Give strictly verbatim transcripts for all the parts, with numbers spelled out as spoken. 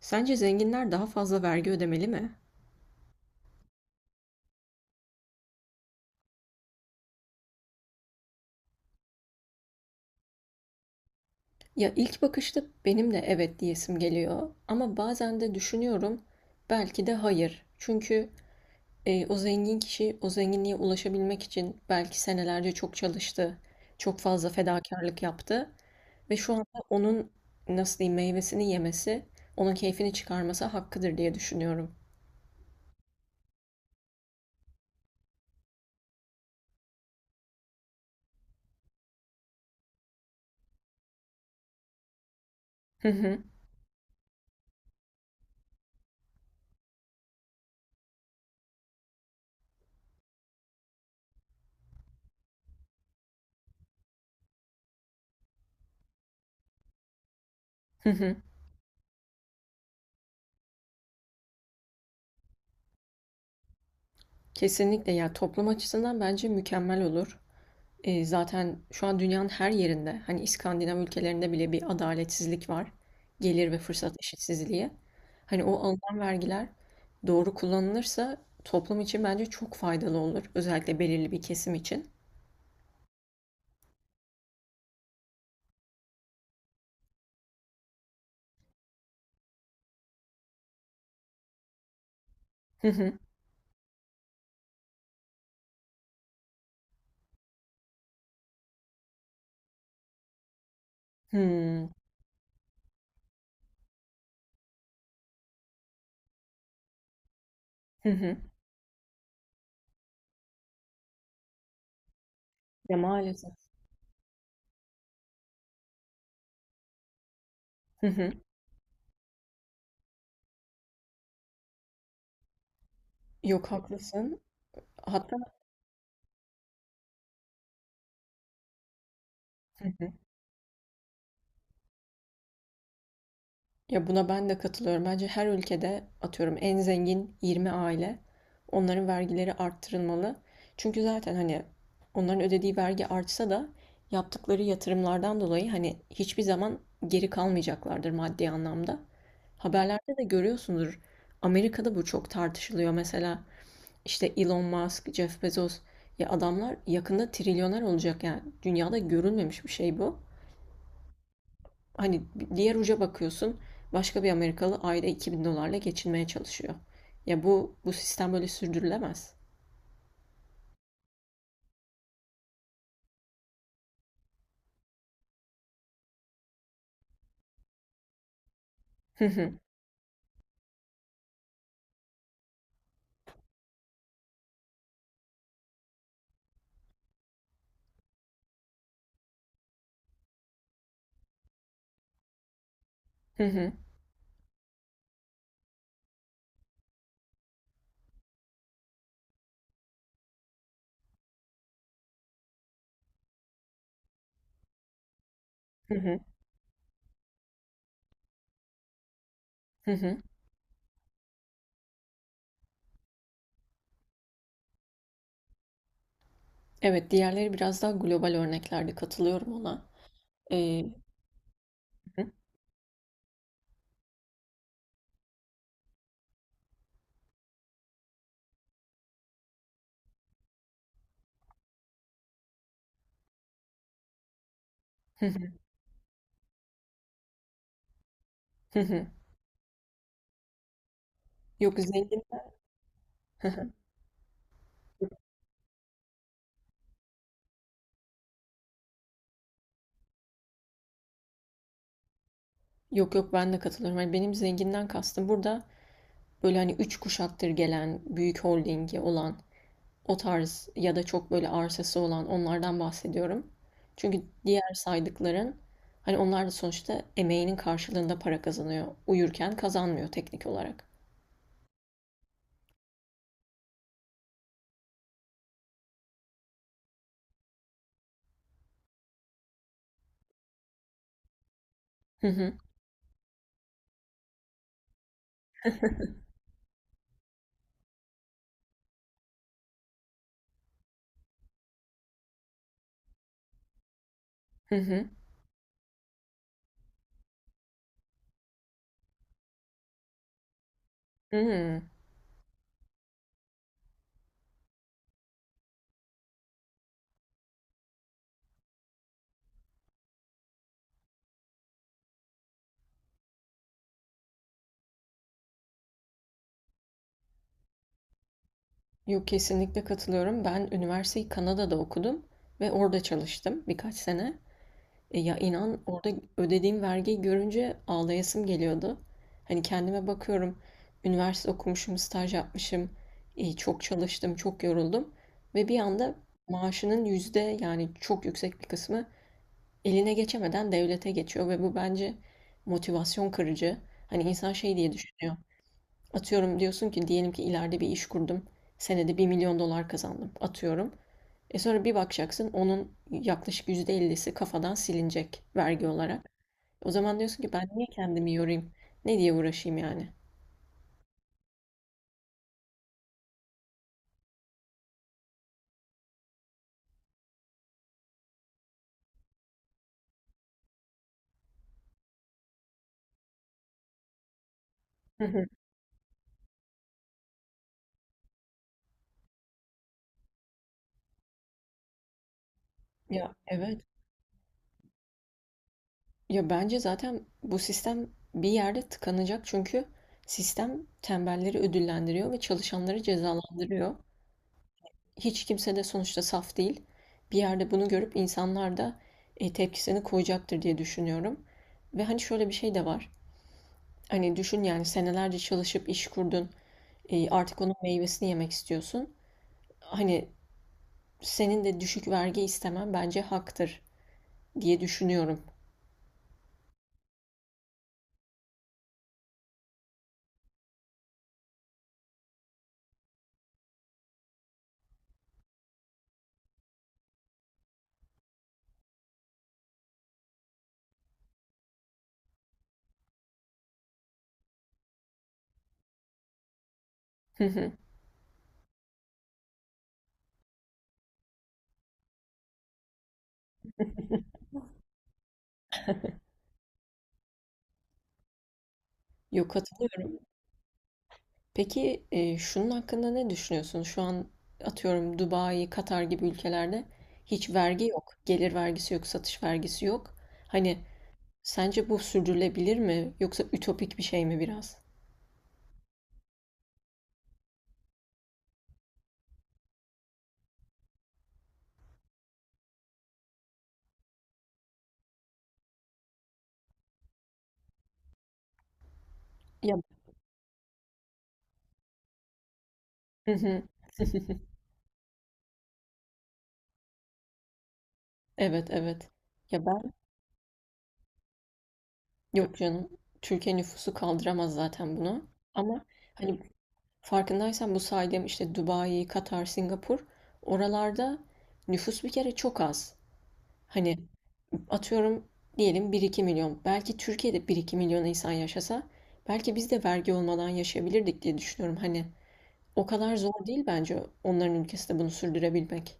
Sence zenginler daha fazla vergi ödemeli mi? Ya ilk bakışta benim de evet diyesim geliyor ama bazen de düşünüyorum belki de hayır. Çünkü e, o zengin kişi o zenginliğe ulaşabilmek için belki senelerce çok çalıştı, çok fazla fedakarlık yaptı ve şu anda onun nasıl diyeyim meyvesini yemesi, onun keyfini çıkarması hakkıdır diye düşünüyorum. Hı hı, hı hı. Kesinlikle ya toplum açısından bence mükemmel olur. Eee, zaten şu an dünyanın her yerinde, hani, İskandinav ülkelerinde bile bir adaletsizlik var. Gelir ve fırsat eşitsizliği. Hani, o alınan vergiler doğru kullanılırsa toplum için bence çok faydalı olur. Özellikle belirli bir kesim için. Hı hı. Hımm. Hı hı. Ya, maalesef. Hı hı. Yok, haklısın. Hatta. Hı hı. Ya buna ben de katılıyorum. Bence her ülkede atıyorum en zengin yirmi aile onların vergileri arttırılmalı. Çünkü zaten hani onların ödediği vergi artsa da yaptıkları yatırımlardan dolayı hani hiçbir zaman geri kalmayacaklardır maddi anlamda. Haberlerde de görüyorsundur. Amerika'da bu çok tartışılıyor. Mesela işte Elon Musk, Jeff Bezos ya adamlar yakında trilyoner olacak yani. Dünyada görülmemiş bir şey bu. Hani diğer uca bakıyorsun, başka bir Amerikalı ayda iki bin dolarla geçinmeye çalışıyor. Ya bu bu sistem böyle sürdürülemez. Hı hı, hı hı, hı hı, hı hı. Evet, diğerleri biraz daha global örneklerde katılıyorum ona. Ee, hı hı, hı hı. Yok zengin, yok yok ben de katılıyorum. Hani benim zenginden kastım burada böyle hani üç kuşaktır gelen büyük holdingi olan o tarz ya da çok böyle arsası olan onlardan bahsediyorum. Çünkü diğer saydıkların hani onlar da sonuçta emeğinin karşılığında para kazanıyor. Uyurken kazanmıyor teknik olarak. Hı hı. Hı hı. Hmm. Yok kesinlikle katılıyorum. Ben üniversiteyi Kanada'da okudum ve orada çalıştım birkaç sene. E ya inan orada ödediğim vergiyi görünce ağlayasım geliyordu. Hani kendime bakıyorum, üniversite okumuşum, staj yapmışım, e, çok çalıştım, çok yoruldum ve bir anda maaşının yüzde yani çok yüksek bir kısmı eline geçemeden devlete geçiyor ve bu bence motivasyon kırıcı. Hani insan şey diye düşünüyor. Atıyorum diyorsun ki diyelim ki ileride bir iş kurdum. Senede bir milyon dolar kazandım. Atıyorum. E sonra bir bakacaksın onun yaklaşık yüzde ellisi kafadan silinecek vergi olarak. O zaman diyorsun ki ben niye kendimi yorayım? Ne diye uğraşayım yani? Hı hı. Ya evet. Ya bence zaten bu sistem bir yerde tıkanacak çünkü sistem tembelleri ödüllendiriyor ve çalışanları cezalandırıyor. Hiç kimse de sonuçta saf değil. Bir yerde bunu görüp insanlar da e, tepkisini koyacaktır diye düşünüyorum. Ve hani şöyle bir şey de var. Hani düşün yani senelerce çalışıp iş kurdun. E, artık onun meyvesini yemek istiyorsun. Hani senin de düşük vergi istemen bence haktır. Diye düşünüyorum. Hı hı. Yok katılıyorum. Peki e, şunun hakkında ne düşünüyorsun? Şu an atıyorum Dubai, Katar gibi ülkelerde hiç vergi yok. Gelir vergisi yok, satış vergisi yok. Hani sence bu sürdürülebilir mi? Yoksa ütopik bir şey mi biraz? Ya. Hı hı. Evet evet. Ya ben, yok canım. Türkiye nüfusu kaldıramaz zaten bunu. Ama hani farkındaysan bu saydığım işte Dubai, Katar, Singapur oralarda nüfus bir kere çok az. Hani atıyorum diyelim bir iki milyon. Belki Türkiye'de bir iki milyon insan yaşasa belki biz de vergi olmadan yaşayabilirdik diye düşünüyorum. Hani o kadar zor değil bence onların ülkesinde bunu sürdürebilmek.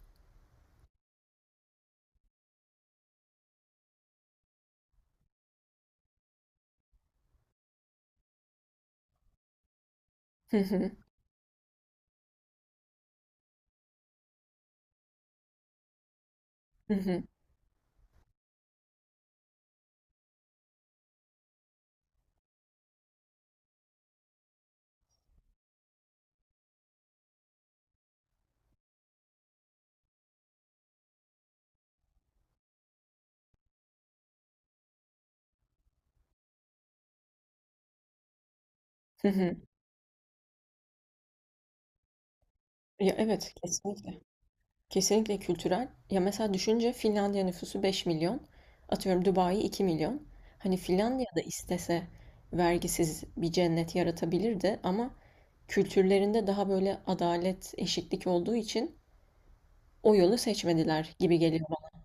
Hı hı, hı hı, hı hı. Ya evet kesinlikle. Kesinlikle kültürel. Ya mesela düşünce Finlandiya nüfusu beş milyon. Atıyorum Dubai iki milyon. Hani Finlandiya'da istese vergisiz bir cennet yaratabilirdi ama kültürlerinde daha böyle adalet, eşitlik olduğu için o yolu seçmediler gibi geliyor bana.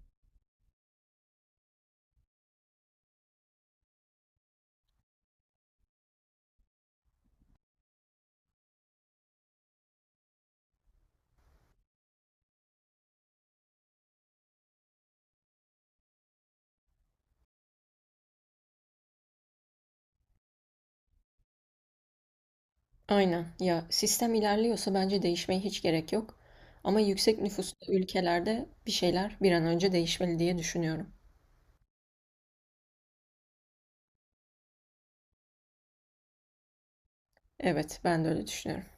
Aynen. Ya sistem ilerliyorsa bence değişmeye hiç gerek yok. Ama yüksek nüfuslu ülkelerde bir şeyler bir an önce değişmeli diye düşünüyorum. Evet, ben de öyle düşünüyorum.